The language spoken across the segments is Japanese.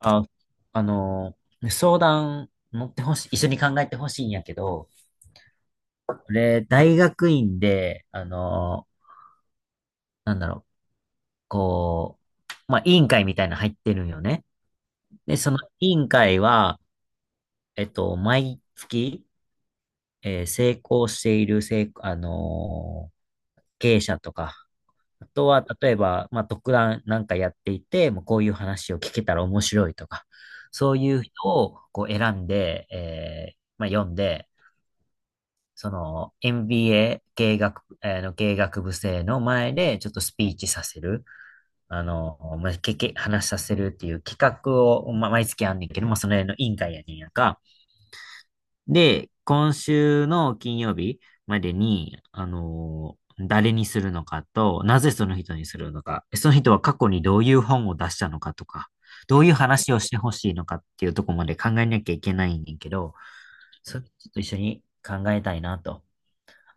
あ、ね相談乗ってほしい、一緒に考えてほしいんやけど、俺、大学院で、ー、なんだろう、こ委員会みたいなの入ってるんよね。で、その委員会は、毎月、成功している、成、あのー経営者とか、あとは、例えば、まあ、特段なんかやっていて、もうこういう話を聞けたら面白いとか、そういう人をこう選んで、まあ、読んで、その n b a 経営学、の経営学部生の前でちょっとスピーチさせる、あの、まあ、話させるっていう企画を、まあ、毎月あんねんけど、まあ、その辺の委員会やねんやんか。で、今週の金曜日までに、誰にするのかと、なぜその人にするのか、その人は過去にどういう本を出したのかとか、どういう話をしてほしいのかっていうところまで考えなきゃいけないんだけど、それちょっと一緒に考えたいなと。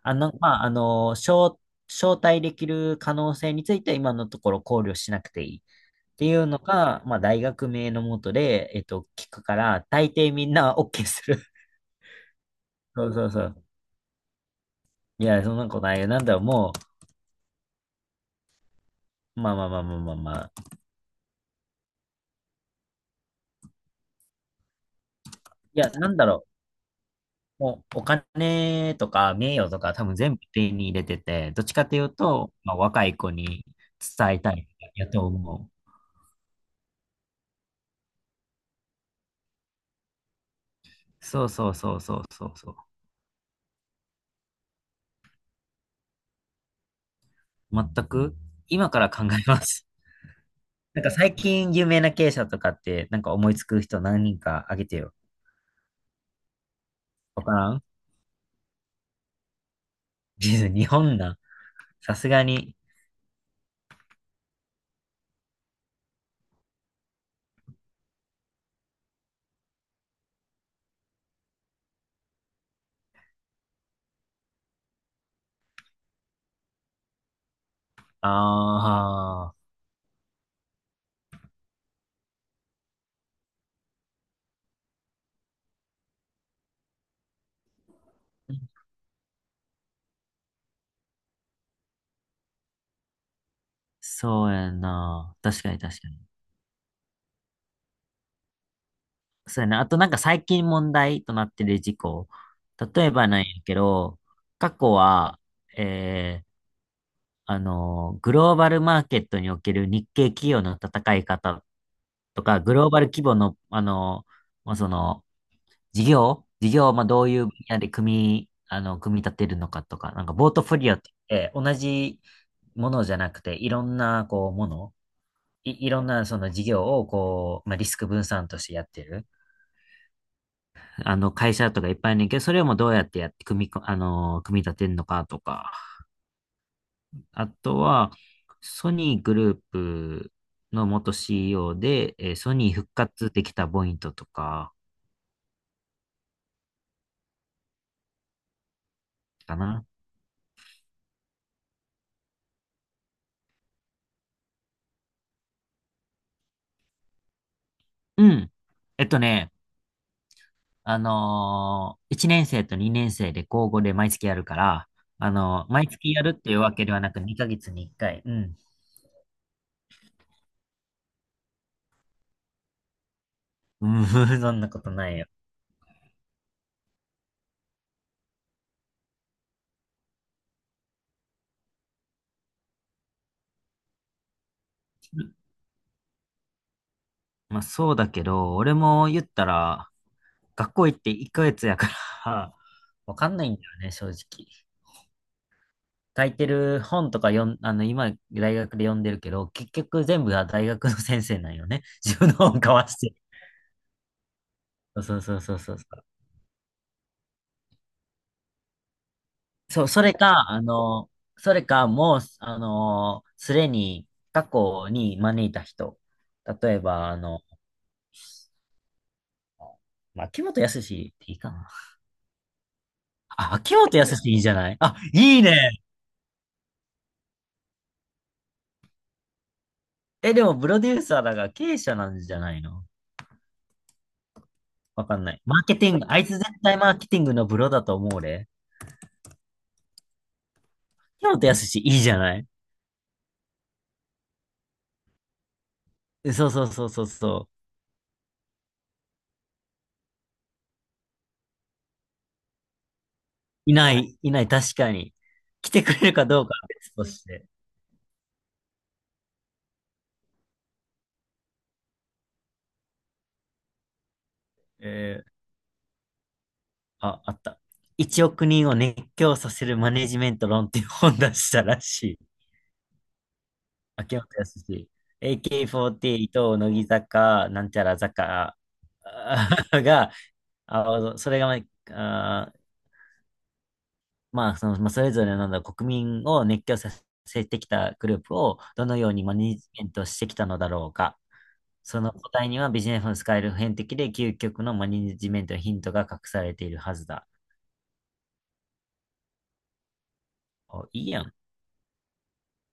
あの、まあ、あの、招、招待できる可能性については今のところ考慮しなくていいっていうのが、まあ、大学名のもとで、聞くから、大抵みんな OK する。そうそうそう。いや、そんなことないよ。まあまあまあまあまあまあ。いや、なんだろお金とか名誉とか多分全部手に入れてて、どっちかというと、まあ、若い子に伝えたいやと思う。そうそうそうそうそうそう。全く、今から考えます。なんか最近有名な経営者とかって、なんか思いつく人何人かあげてよ。わからん実 日本な。さすがに。ああ、そうやな。確かに確かに。そうやな。あとなんか最近問題となってる事故。例えばなんやけど、過去は、えー、グローバルマーケットにおける日系企業の戦い方とか、グローバル規模の、あの、まあ、その、事業を、まあ、どういう分野で組み立てるのかとか、なんか、ボートフォリオって言って、同じものじゃなくて、いろんな、こう、もの、いろんな、その事業を、こう、まあ、リスク分散としてやってる、あの、会社とかいっぱいあるねんけど、それをもうどうやってやって組み立てるのかとか、あとは、ソニーグループの元 CEO で、ソニー復活できたポイントとか、かな。うん。えっとね、1年生と2年生で交互で毎月やるから、毎月やるっていうわけではなく2ヶ月に1回。うん。うん、そんなことないよ。まあそうだけど、俺も言ったら、学校行って1ヶ月やから わかんないんだよね、正直。書いてる本とか読ん、あの、今、大学で読んでるけど、結局全部は大学の先生なんよね。自分の本交わして。そうそうそうそうそう。そう、それか、あの、それか、もう、あの、すでに過去に招いた人。例えば、あの、まあ、秋元康っていいかな。あ、秋元康いいじゃないあ、いいね。え、でも、プロデューサーだが経営者なんじゃないのわかんない。マーケティング、あいつ絶対マーケティングのプロだと思うで。秋元康いいじゃないえそうそうそうそうそう。いない、いない、確かに。来てくれるかどうかは別として。えーあ、あった。1億人を熱狂させるマネジメント論っていう本出したらしい。秋元康。AK48、乃木坂、なんちゃら坂あー が、あ、それがま、あー、まあ、その、まあ、それぞれのなんだ国民を熱狂させてきたグループをどのようにマネジメントしてきたのだろうか。その答えにはビジネスの使える普遍的で究極のマネジメントのヒントが隠されているはずだ。お、いいやん。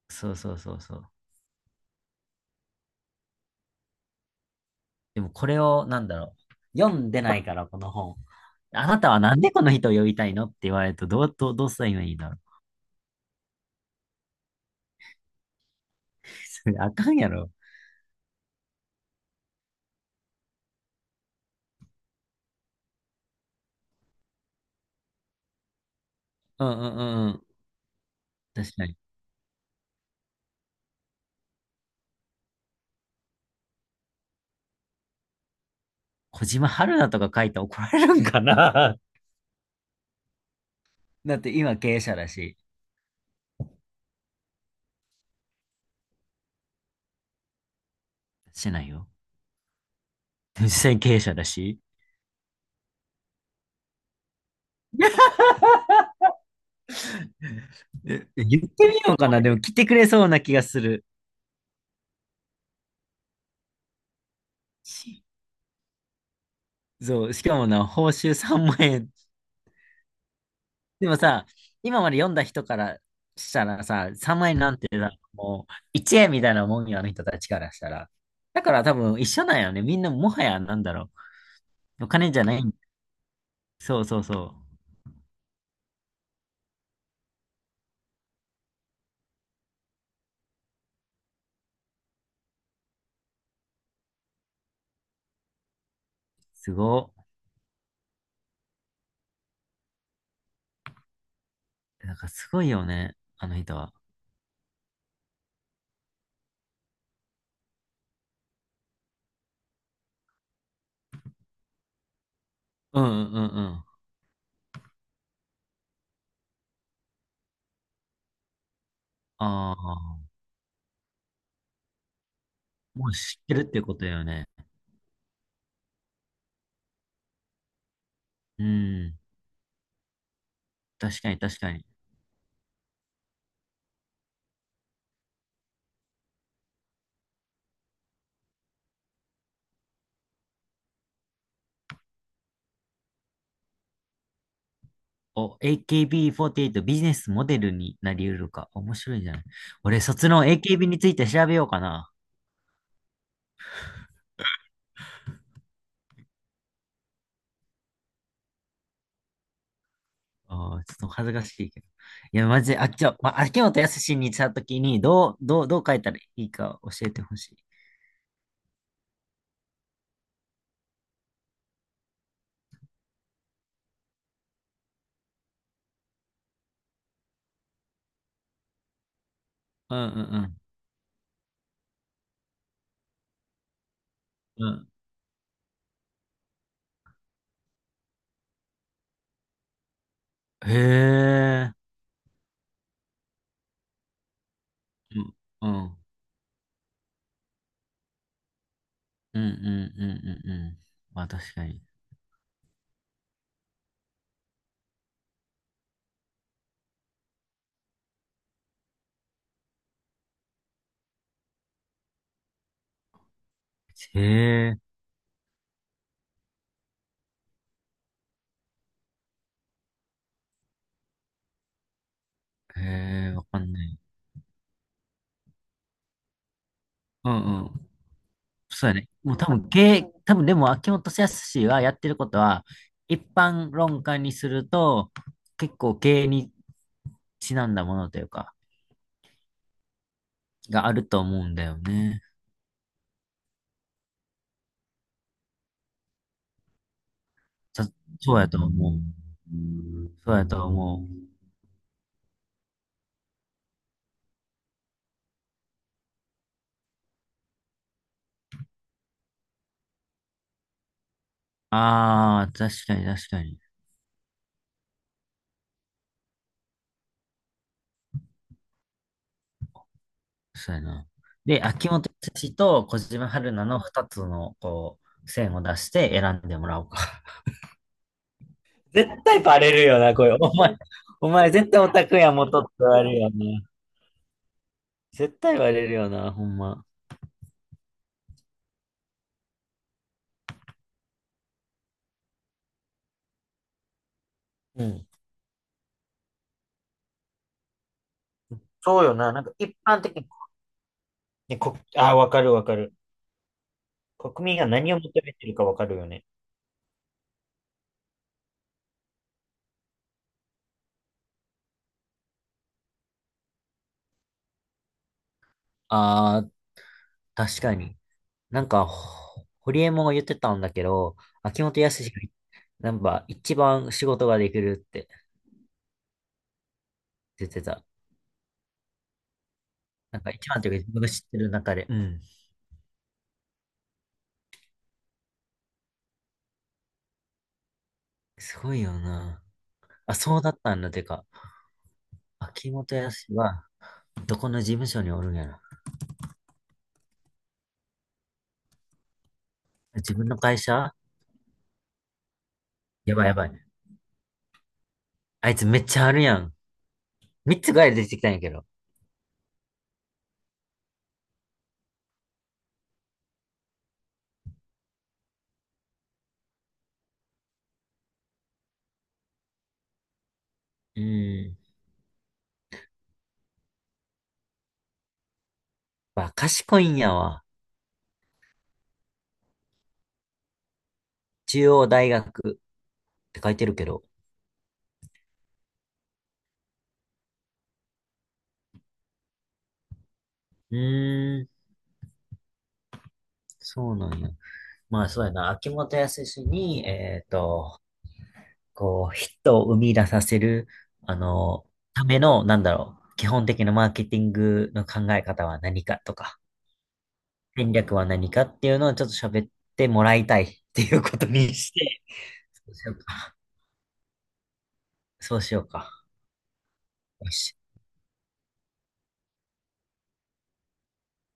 そうそうそうそう。でもこれを、なんだろう。読んでないから、この本。あなたはなんでこの人を呼びたいのって言われると、どうすればいいんだろう。それあかんやろ。うんうんうんうん。確かに。小島春菜とか書いて怒られるんかな だって今経営者だし。してないよ。実際に経営者だし。言ってみようかな。でも来てくれそうな気がする。しそう。しかもな、報酬3万円でもさ、今まで読んだ人からしたらさ、3万円なんてさ、もう1円みたいなもんよ、あの人たちからしたら。だから多分一緒なんよね。みんなもはやなんだろう。お金じゃない。そうそうそう。すご。なんかすごいよね、あの人は。うんうんうんうん。ああ、もう知ってるってことだよね。うん。確かに確かに。お、AKB48 ビーフォーティーエイトビジネスモデルになり得るか。面白いじゃない。俺、卒論 AKB について調べようかな。ああ、ちょっと恥ずかしいけど。いや、マジで、あっちは、まあ、秋元康にしたときに、どう書いたらいいか教えてほしい。うんうんうん。うん。へえ。うん。うん。うんうんうんうんうん。まあ、確かに。へえ。へえ、わかんない。うんうん。そうやね。もう多分、経、多分でも、秋元康はやってることは、一般論家にすると、結構経営にちなんだものというか、があると思うんだよね。さそうやと思う。そうやと思う。ああ、確かに確かに。そうやな。で、秋元康と小島春菜の二つの、こう、線を出して選んでもらおうか。絶対バレるよな、これ。お前、お前絶対オタクや元って言われるよな。絶対バレるよな、ほんま。うん。そうよな、なんか一般的に、ああ、わかるわかる。国民が何を求めてるかわかるよね。ああ、確かに。なんか、ホリエモンが言ってたんだけど、秋元康が、なんか、一番仕事ができるって言ってた。なんか、一番というか、自分が知ってる中で。うん。すごいよな。あ、そうだったんだ。てか、秋元康は、どこの事務所におるんやろ。自分の会社やばいやばい。あいつめっちゃあるやん。三つぐらい出てきたんやけど。うん。わ、賢いんやわ。中央大学って書いてるけど。うーん、そうなんや。まあそうやな、秋元康に、こう、ヒットを生み出させる、あの、ための、なんだろう、基本的なマーケティングの考え方は何かとか、戦略は何かっていうのをちょっと喋ってもらいたいっていうことにして、そうしようか。そうしようか。よし。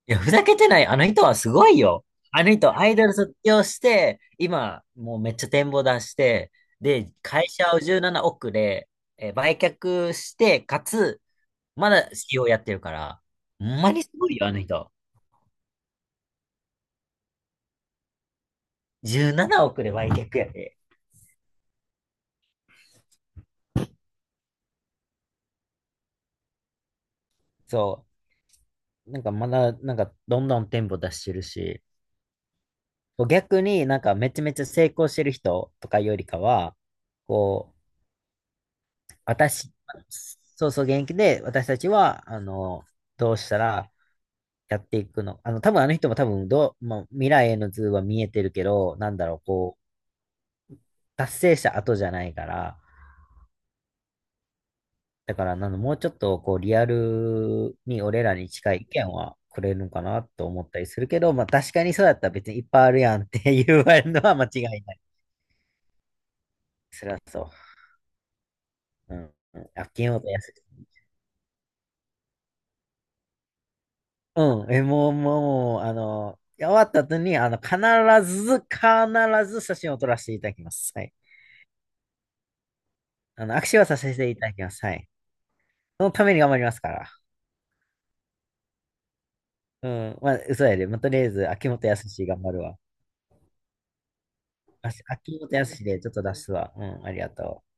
いや、ふざけてない。あの人はすごいよ。あの人、アイドル卒業して、今、もうめっちゃ展望出して、で、会社を17億で、売却して、かつ、まだ c e やってるから、ほんまにすごいよ、あの人。17億で売却やで。そう。なんかまだ、なんかどんどん店舗出してるし、逆になんかめちゃめちゃ成功してる人とかよりかは、こう、私、そうそう現役で私たちは、あの、どうしたらやっていくの。あの、多分あの人も多分どう、まあ、未来への図は見えてるけど、なんだろう、こう、達成した後じゃないから、だから、なんだもうちょっと、こう、リアルに俺らに近い意見はくれるのかなと思ったりするけど、まあ、確かにそうだったら別にいっぱいあるやんって言われるのは間違いない。そりゃそう。うん。うん。あ、金曜と安い。うん。え、もう、もう、あの、終わった後に、あの、必ず写真を撮らせていただきます。はい。あの、握手はさせていただきます。はい。そのために頑張りますから。うん。まあ、嘘やで。まあ、とりあえず、秋元康頑張るわ。秋元康でちょっと出すわ。うん。ありがとう。